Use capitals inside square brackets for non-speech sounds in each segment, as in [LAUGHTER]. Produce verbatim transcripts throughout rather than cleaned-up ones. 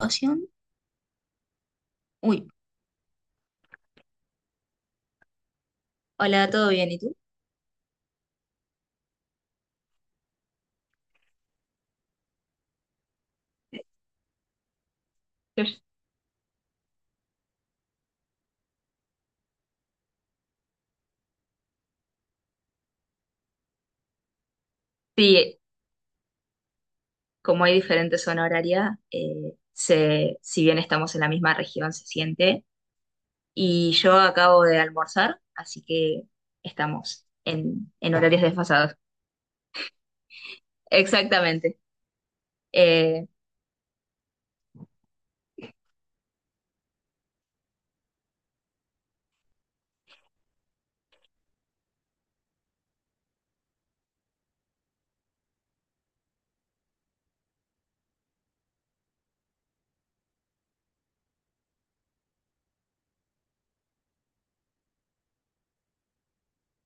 Ocean. Uy, hola, ¿todo bien? ¿Y tú? Como hay diferente zona horaria, eh, se, si bien estamos en la misma región, se siente. Y yo acabo de almorzar, así que estamos en, en horarios desfasados. Exactamente. Eh,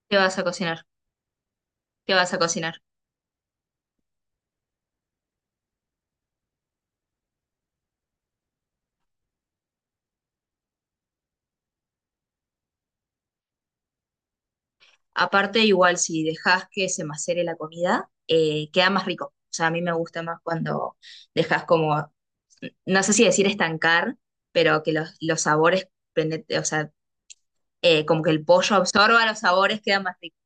¿qué vas a cocinar? ¿Qué vas a cocinar? Aparte, igual si dejas que se macere la comida, eh, queda más rico. O sea, a mí me gusta más cuando dejas como, no sé si decir estancar, pero que los, los sabores penet- o sea, eh, como que el pollo absorba los sabores, queda más rico.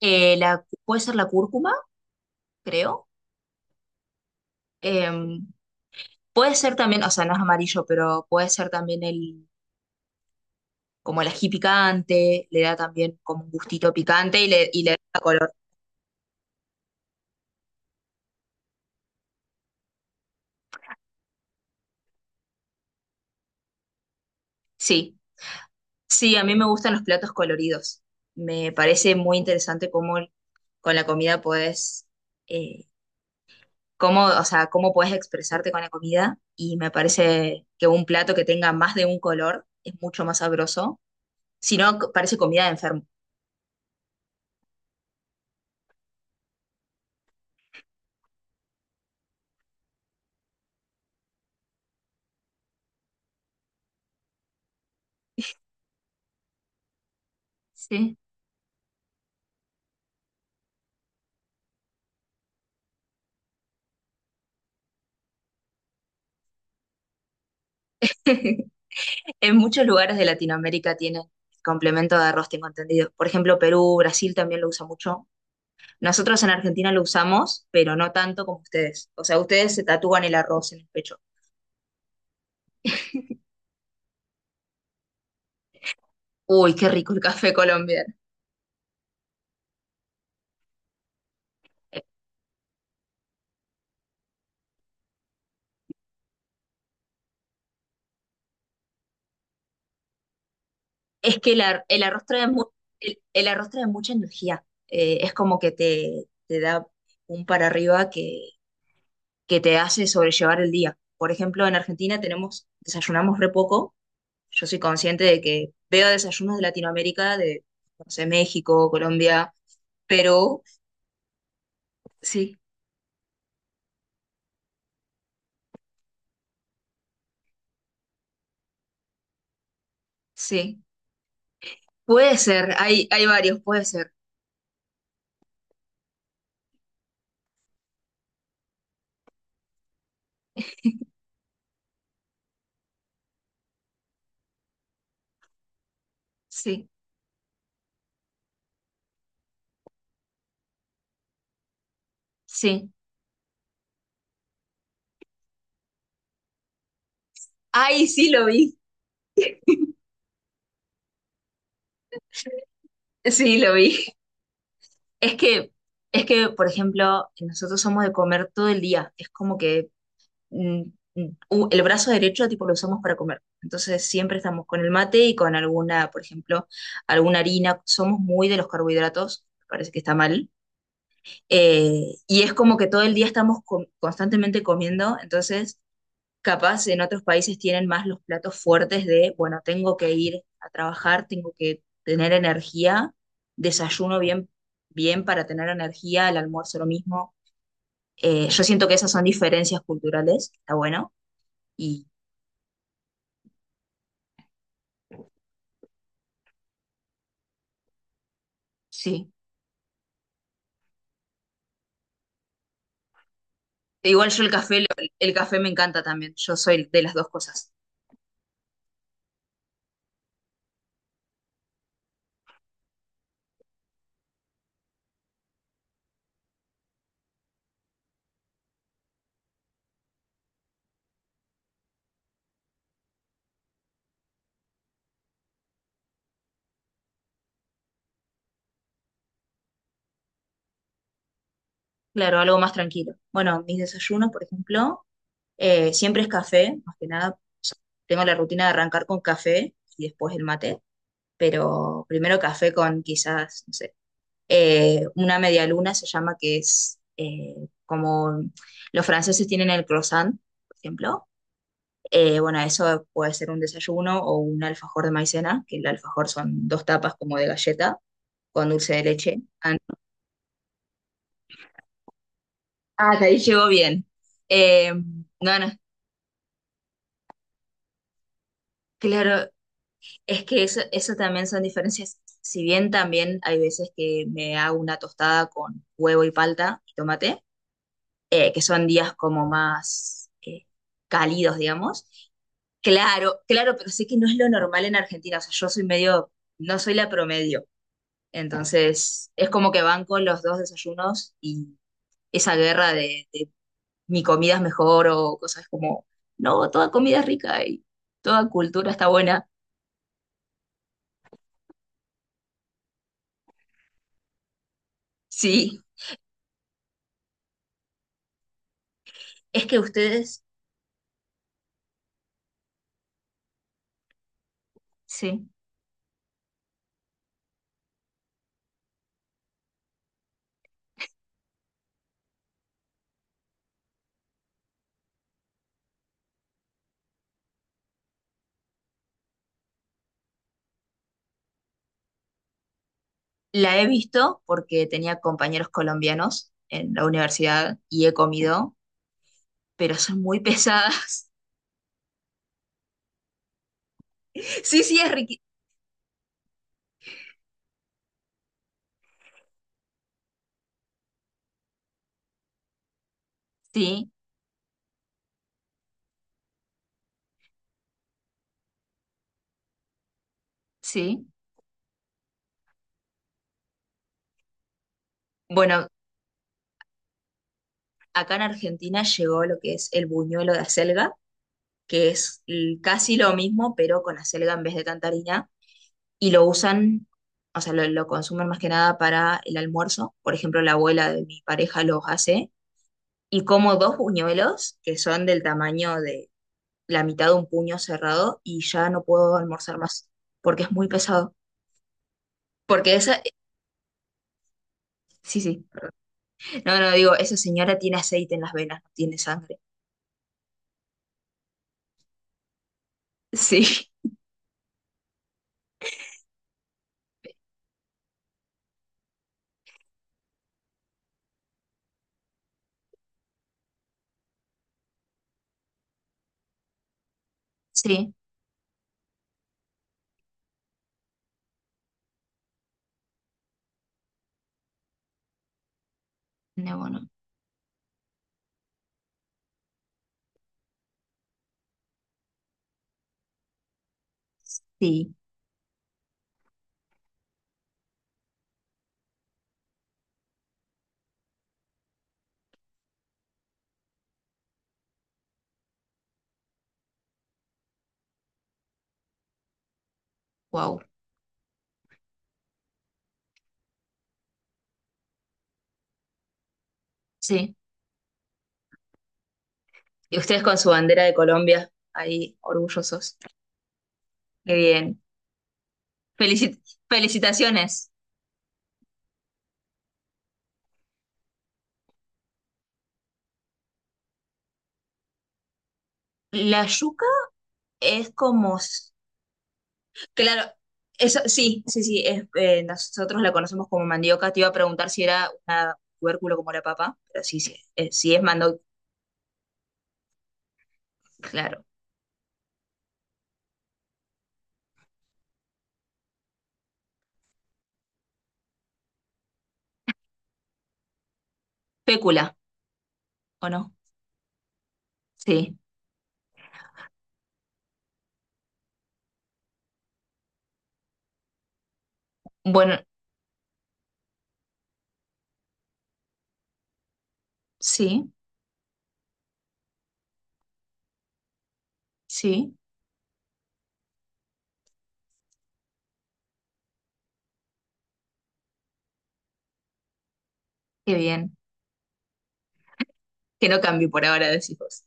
Eh, la, puede ser la cúrcuma, creo. Em, puede ser también, o sea, no es amarillo, pero puede ser también el, como el ají picante, le da también como un gustito picante y le, y le da color. Sí, sí, a mí me gustan los platos coloridos. Me parece muy interesante cómo con la comida puedes, eh, cómo, o sea, cómo puedes expresarte con la comida y me parece que un plato que tenga más de un color es mucho más sabroso. Si no, co- parece comida de enfermo. Sí. [LAUGHS] En muchos lugares de Latinoamérica tienen complemento de arroz, tengo entendido. Por ejemplo, Perú, Brasil también lo usa mucho. Nosotros en Argentina lo usamos, pero no tanto como ustedes. O sea, ustedes se tatúan el arroz en el pecho. Uy, qué rico el café colombiano. Eh, Es que el, ar- el arroz trae mu- el, el arroz trae mucha energía. Eh, es como que te, te da un para arriba que, que te hace sobrellevar el día. Por ejemplo, en Argentina tenemos, desayunamos re poco, yo soy consciente de que veo desayunos de Latinoamérica, de, no sé, México, Colombia, Perú. Sí, sí, puede ser, hay, hay varios, puede ser, sí, sí. Ay, sí lo vi, sí lo vi. Es que, es que, por ejemplo, nosotros somos de comer todo el día, es como que mm, mm, u- el brazo derecho tipo lo usamos para comer, entonces siempre estamos con el mate y con alguna, por ejemplo, alguna harina, somos muy de los carbohidratos, parece que está mal, eh, y es como que todo el día estamos com- constantemente comiendo, entonces capaz en otros países tienen más los platos fuertes de, bueno, tengo que ir a trabajar, tengo que tener energía, desayuno bien, bien para tener energía, el almuerzo lo mismo. Eh, yo siento que esas son diferencias culturales, está bueno, y sí. Igual yo el café, lo- el café me encanta también, yo soy de las dos cosas. Claro, algo más tranquilo. Bueno, mis desayunos, por ejemplo. Eh, siempre es café, más que nada. O sea, tengo la rutina de arrancar con café y después el mate, pero primero café con quizás, no sé, eh, una media luna se llama, que es eh, como los franceses tienen el croissant, por ejemplo. Eh, bueno, eso puede ser un desayuno o un alfajor de maicena, que el alfajor son dos tapas como de galleta con dulce de leche. Ah, no. Ah, hasta ahí llegó bien. Eh, no, no, claro, es que eso, eso también son diferencias. Si bien también hay veces que me hago una tostada con huevo y palta y tomate, eh, que son días como más eh, cálidos, digamos. Claro, claro, pero sé que no es lo normal en Argentina. O sea, yo soy medio, no soy la promedio. Entonces, es como que van con los dos desayunos y esa guerra de, de mi comida es mejor o cosas como, no, toda comida es rica y toda cultura está buena. Sí, es que ustedes, sí. La he visto porque tenía compañeros colombianos en la universidad y he comido, pero son muy pesadas. [LAUGHS] Sí, sí, es riquísimo. Sí, sí. Bueno, acá en Argentina llegó lo que es el buñuelo de acelga, que es l- casi lo mismo, pero con acelga en vez de tanta harina, y lo usan, o sea, lo, lo consumen más que nada para el almuerzo. Por ejemplo, la abuela de mi pareja los hace, y como dos buñuelos que son del tamaño la mitad de un puño cerrado y ya no puedo almorzar más porque es muy pesado. Porque esa, sí, sí, perdón. No, no, digo, esa señora tiene aceite en las venas, no tiene sangre. [LAUGHS] Sí, sí, no, bueno, sí, wow, sí. Y ustedes con su bandera de Colombia, ahí, orgullosos. Qué bien. Felicit- felicitaciones. La yuca es como, claro, eso sí, sí, sí, es, eh, nosotros la conocemos como mandioca. Te iba a preguntar si era un tubérculo como la papa, pero sí, sí, eh, sí es mando, claro. Pécula, ¿o no? Sí. Bueno, sí, sí, qué bien. Que no cambie por ahora, decís vos.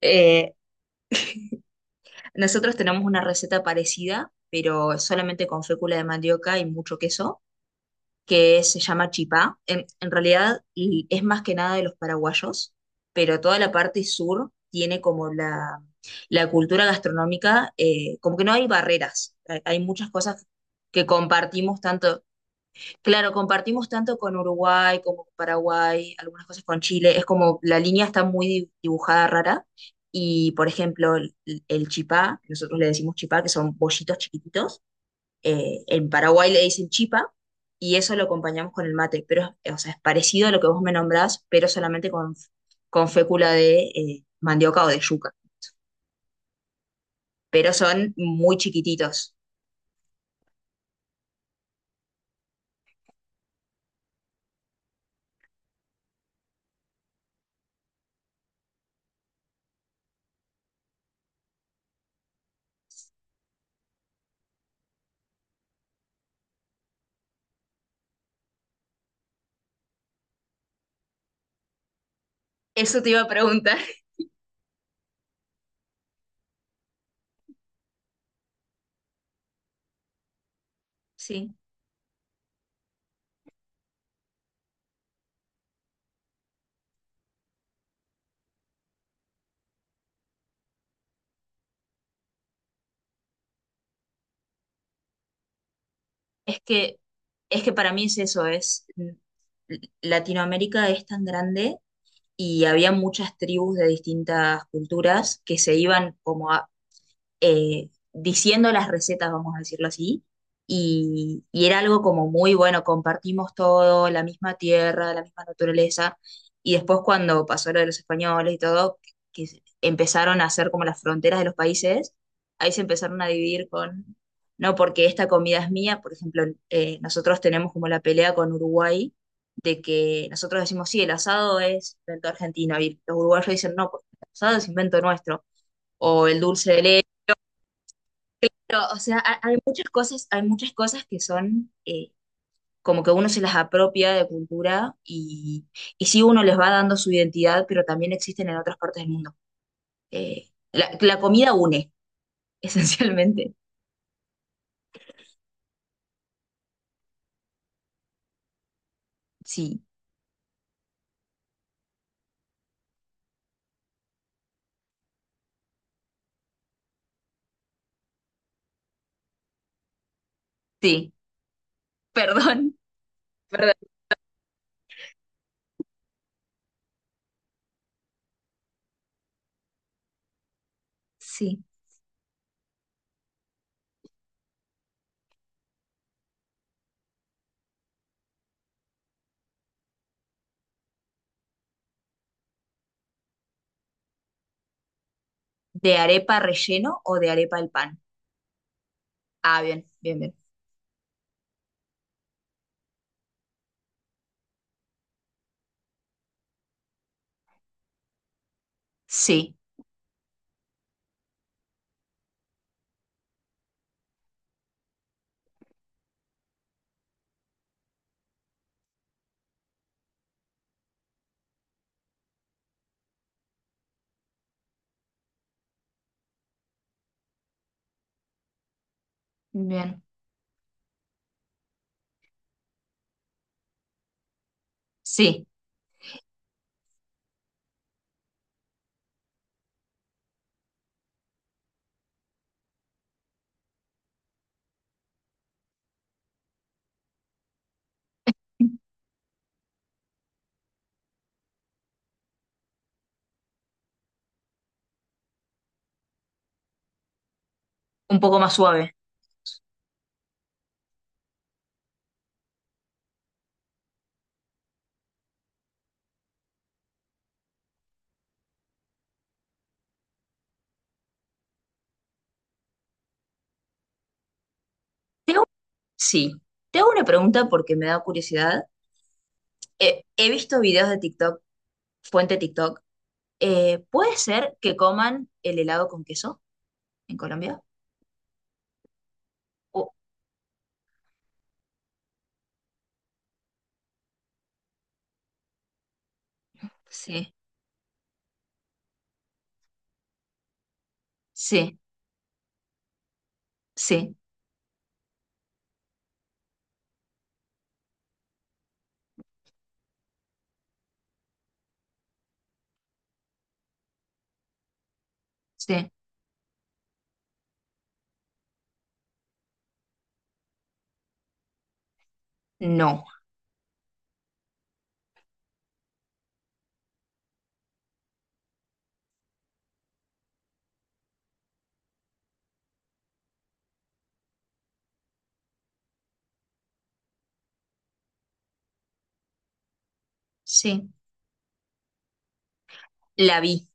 Eh, nosotros tenemos una receta parecida, pero solamente con fécula de mandioca y mucho queso, que se llama Chipá. En, en realidad y es más que nada de los paraguayos, pero toda la parte sur tiene como la, la cultura gastronómica, eh, como que no hay barreras, hay, hay muchas cosas que compartimos tanto, claro, compartimos tanto con Uruguay como con Paraguay, algunas cosas con Chile, es como la línea está muy di- dibujada rara. Y por ejemplo, el, el chipá, nosotros le decimos chipá, que son bollitos chiquititos, eh, en Paraguay le dicen chipa, y eso lo acompañamos con el mate, pero es- eh, o sea, es parecido a lo que vos me nombrás, pero solamente con, con fécula de eh, mandioca o de yuca, pero son muy chiquititos. Eso te iba a preguntar. [LAUGHS] Sí, es que, es que para mí es eso, es mm, Latinoamérica es tan grande y había muchas tribus de distintas culturas que se iban como a- eh, diciendo las recetas, vamos a decirlo así, y, y era algo como muy bueno, compartimos todo, la misma tierra, la misma naturaleza, y después cuando pasó lo de los españoles y todo, que se- empezaron a hacer como las fronteras de los países, ahí se empezaron a dividir con, no, porque esta comida es mía, por ejemplo, eh, nosotros tenemos como la pelea con Uruguay, de que nosotros decimos, sí, el asado es invento argentino, y los uruguayos dicen, no, porque el asado es invento nuestro, o el dulce de leche. Pero, o sea, ha- hay muchas cosas, hay muchas cosas que son eh, como que uno se las apropia de cultura y, y sí uno les va dando su identidad, pero también existen en otras partes del mundo. Eh, la, la comida une, [LAUGHS] esencialmente. Sí, sí, perdón, [LAUGHS] perdón. Sí, de arepa relleno o de arepa al pan. Ah, bien, bien, bien. Sí, bien. Sí, un poco más suave. Te hago- sí, te hago una pregunta porque me da curiosidad. Eh, he visto videos de TikTok, fuente TikTok. Eh, ¿puede ser que coman el helado con queso en Colombia? Oh, sí, sí, sí, sí. No, sí, la vi.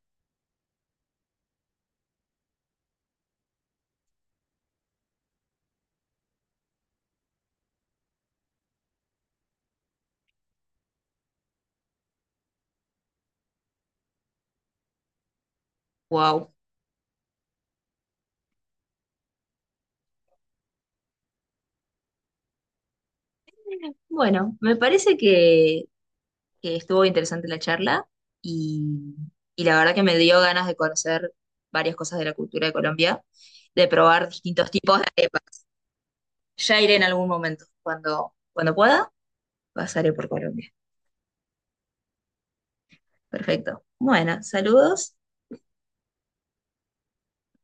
Wow. Bueno, me parece que, que estuvo interesante la charla y, y la verdad que me dio ganas de conocer varias cosas de la cultura de Colombia, de probar distintos tipos de arepas. Ya iré en algún momento, cuando, cuando pueda, pasaré por Colombia. Perfecto. Bueno, saludos.